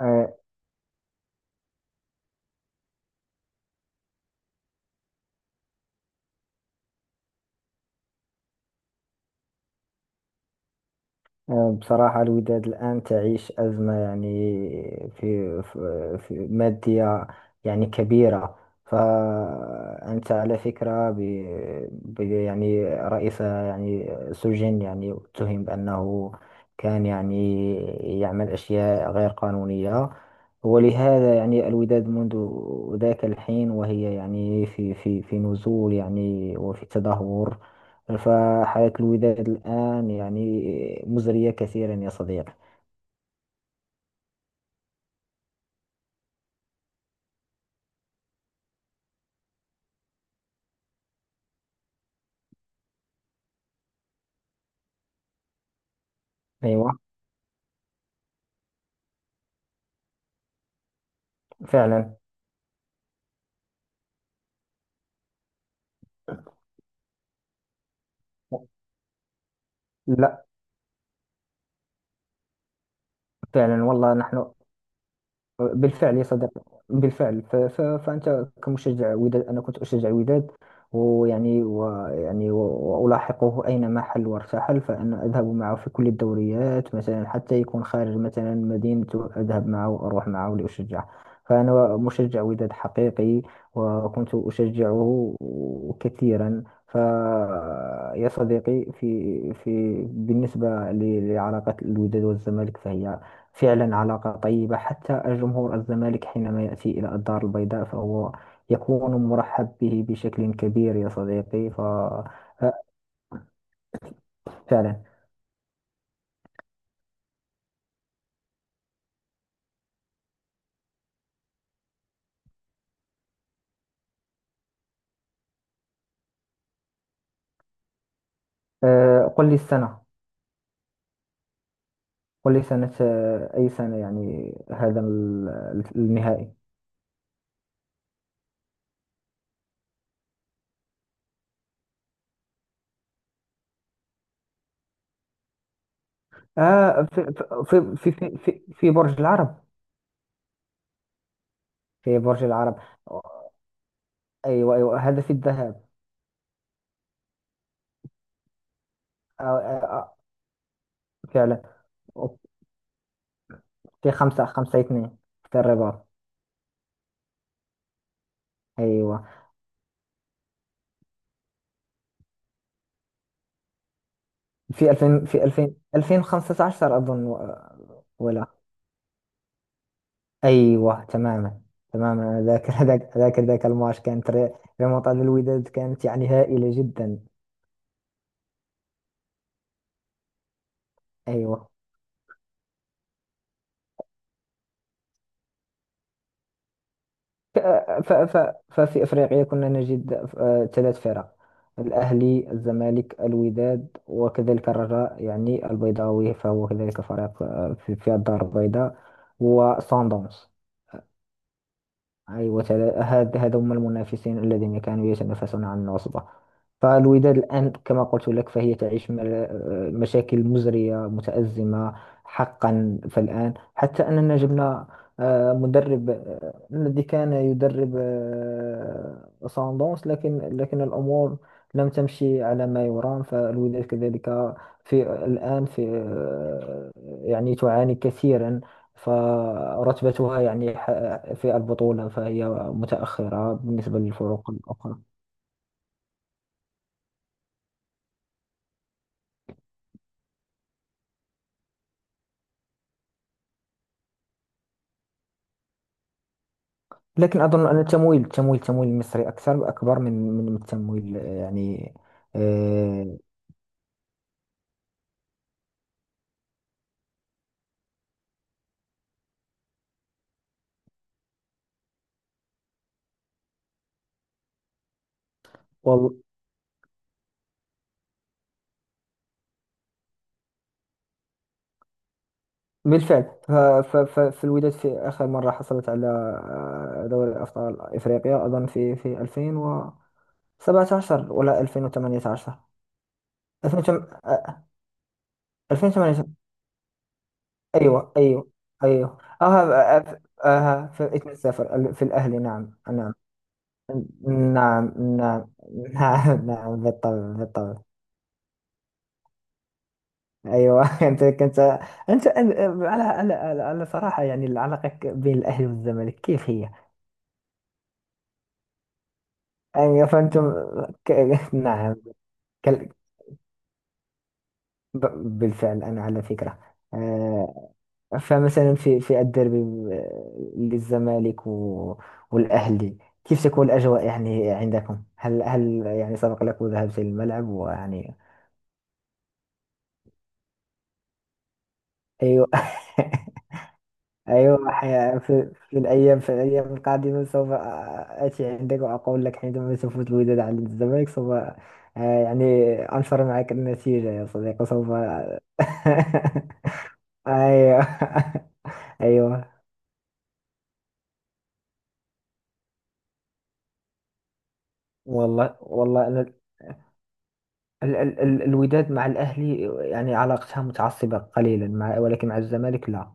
آه، بصراحة، الوداد الآن تعيش أزمة، يعني في مادية، يعني كبيرة. فأنت على فكرة يعني رئيسها يعني سجن، يعني اتهم بأنه كان يعني يعمل أشياء غير قانونية. ولهذا يعني الوداد منذ ذاك الحين وهي يعني في نزول يعني، وفي تدهور. فحياة الوداد الآن يعني مزرية كثيرا، يا صديقي. أيوة. فعلا. لا، فعلا والله نحن. بالفعل يا صديقي، بالفعل. فأنت كمشجع وداد، أنا كنت أشجع الوداد، وألاحقه أينما حل وارتحل. فأنا أذهب معه في كل الدوريات مثلا، حتى يكون خارج مثلا مدينته، أذهب معه وأروح معه لأشجعه. فأنا مشجع وداد حقيقي، وكنت أشجعه كثيرا. يا صديقي، في في بالنسبة لعلاقة الوداد والزمالك، فهي فعلا علاقة طيبة. حتى الجمهور الزمالك حينما يأتي إلى الدار البيضاء فهو يكون مرحب به بشكل كبير، يا صديقي. فعلا. قل لي السنة. قل لي سنة، أي سنة يعني هذا النهائي؟ آه في في برج العرب، في برج العرب. أيوة، أيوة، هذا في الذهاب. آه، آه، آه، فعلا. في خمسة اثنين في الرباط. أيوة. في 2000 في 2000 2015 أظن، ولا. أيوه تماما، تماما أنا ذاكر. ذاك الماتش كانت ريمونتادا الوداد، كانت يعني هائلة جدا. أيوه. ف... ف... ف... ففي أفريقيا كنا نجد ثلاث فرق: الأهلي، الزمالك، الوداد، وكذلك الرجاء يعني البيضاوي، فهو كذلك فريق في الدار البيضاء، وصن داونز. أيوة. هاد، هذا هم المنافسين الذين كانوا يتنافسون عن العصبة. فالوداد الآن كما قلت لك فهي تعيش مشاكل مزرية، متأزمة حقا. فالآن حتى أننا جبنا مدرب، الذي كان يدرب ساندونس، لكن الأمور لم تمشي على ما يرام. فالوداد كذلك في الآن، في آه، يعني تعاني كثيرا. فرتبتها يعني في البطولة فهي متأخرة بالنسبة للفروق الأخرى. لكن أظن أن التمويل المصري أكثر، أكبر من التمويل، يعني. آه، وال- بالفعل، فالوداد في آخر مرة حصلت على دوري أبطال إفريقيا أظن في 2017 ولا 2018. 2018. ايوه، ايوه، ايوه. اسم السفر في الاهلي. نعم، نعم. نعم، نعم، نعم. نعم، بالطبع، بالطبع. ايوه. انت كنت، انت أن- على صراحه يعني العلاقه بين الاهلي والزمالك كيف هي؟ يعني فانتم. ك... نعم. كال... ب... بالفعل انا على فكره. آه، فمثلا في الديربي للزمالك والأهلي، كيف تكون الأجواء يعني عندكم؟ هل يعني سبق لك وذهبت للملعب ويعني؟ أيوة. أيوة. في الأيام القادمة سوف آتي عندك وأقول لك، حينما تفوز الوداد على الزمالك سوف يعني أنشر معك النتيجة، يا صديقي، سوف. أيوة. أيوة، والله، والله. ال ال ال الوداد مع الأهلي يعني علاقتها متعصبة قليلا مع، ولكن مع الزمالك لا.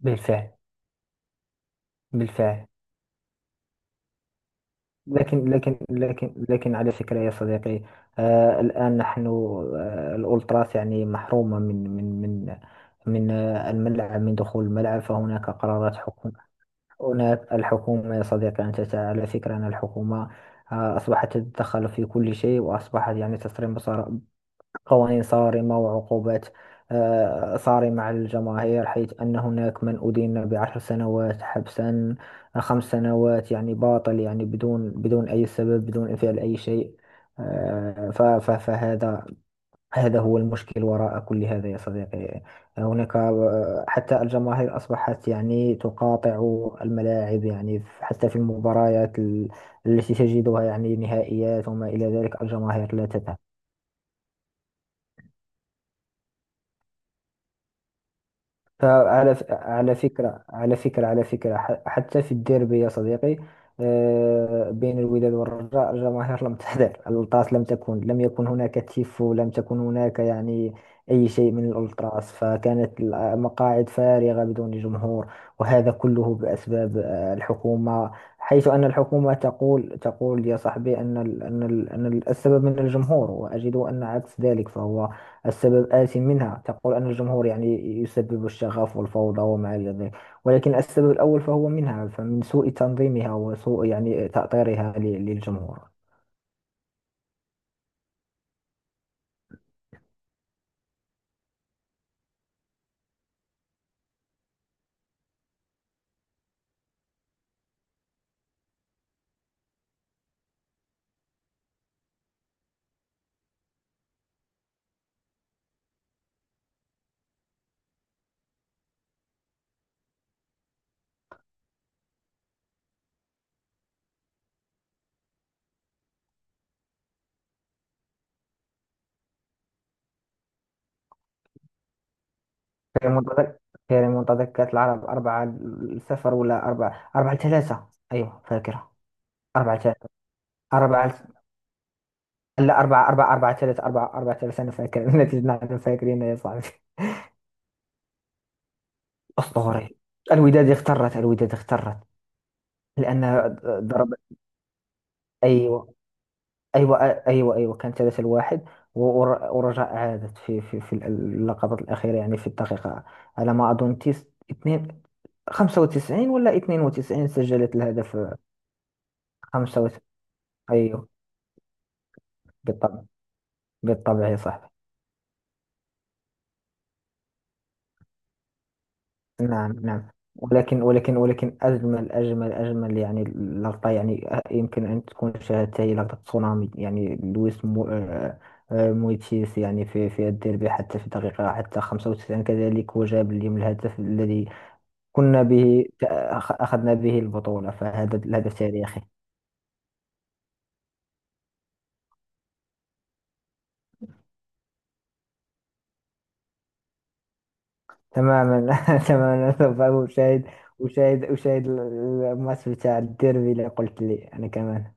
بالفعل، بالفعل. لكن على فكرة يا صديقي، الآن نحن، الأولتراس يعني محرومة من الملعب، من دخول الملعب. فهناك قرارات حكم. هناك الحكومة يا صديقي. أنت على فكرة أن الحكومة أصبحت تتدخل في كل شيء، وأصبحت يعني تصرف قوانين صارمة وعقوبات صارمة على الجماهير، حيث أن هناك من أدين بعشر سنوات حبسا، خمس سنوات، يعني باطل، يعني بدون أي سبب، بدون فعل أي شيء. فهذا، هو المشكل وراء كل هذا يا صديقي. هناك حتى الجماهير أصبحت يعني تقاطع الملاعب، يعني حتى في المباريات التي تجدها يعني نهائيات وما إلى ذلك، الجماهير لا تذهب. على فكرة، حتى في الديربي يا صديقي، بين الوداد والرجاء، الجماهير لم تحضر. الألتراس لم تكن، لم يكن هناك تيفو، لم تكن هناك يعني أي شيء من الألتراس، فكانت المقاعد فارغة بدون جمهور. وهذا كله بأسباب الحكومة، حيث أن الحكومة تقول يا صاحبي أن السبب من الجمهور، وأجد أن عكس ذلك، فهو السبب آت منها. تقول أن الجمهور يعني يسبب الشغف والفوضى وما إلى ذلك، ولكن السبب الأول فهو منها، فمن سوء تنظيمها وسوء يعني تأطيرها للجمهور. في منتدى في منتدى كأس العرب. أربعة صفر، ولا أربعة؟ أربعة ثلاثة، أيوه فاكرة، أربعة ثلاثة. أربعة، لا، أربعة أربعة، أربعة ثلاثة، أربعة أربعة ثلاثة، أنا فاكر. النتيجة نحن فاكرين يا صاحبي. أسطوري. الوداد اخترت، الوداد اخترت لأن ضرب. أيوه، ايوه، ايوه، ايوه، كان 3-1. ورجاء عادت في اللقطات الاخيره، يعني في الدقيقه، على ما اظن، تيس 2 95 ولا 92، سجلت الهدف. 95. ايوه، بالطبع، بالطبع يا صاحبي. نعم، نعم. ولكن أجمل يعني لقطة، يعني يمكن أن تكون شاهدتها، هي لقطة تسونامي، يعني لويس مو آه، آه، مويتيس، يعني في الديربي حتى في دقيقة، حتى 95 كذلك، وجاب اليوم الهدف الذي كنا به أخذنا به البطولة. فهذا الهدف تاريخي. تماما. تماما، سوف أشاهد الماتش بتاع الديربي اللي قلت لي، أنا كمان.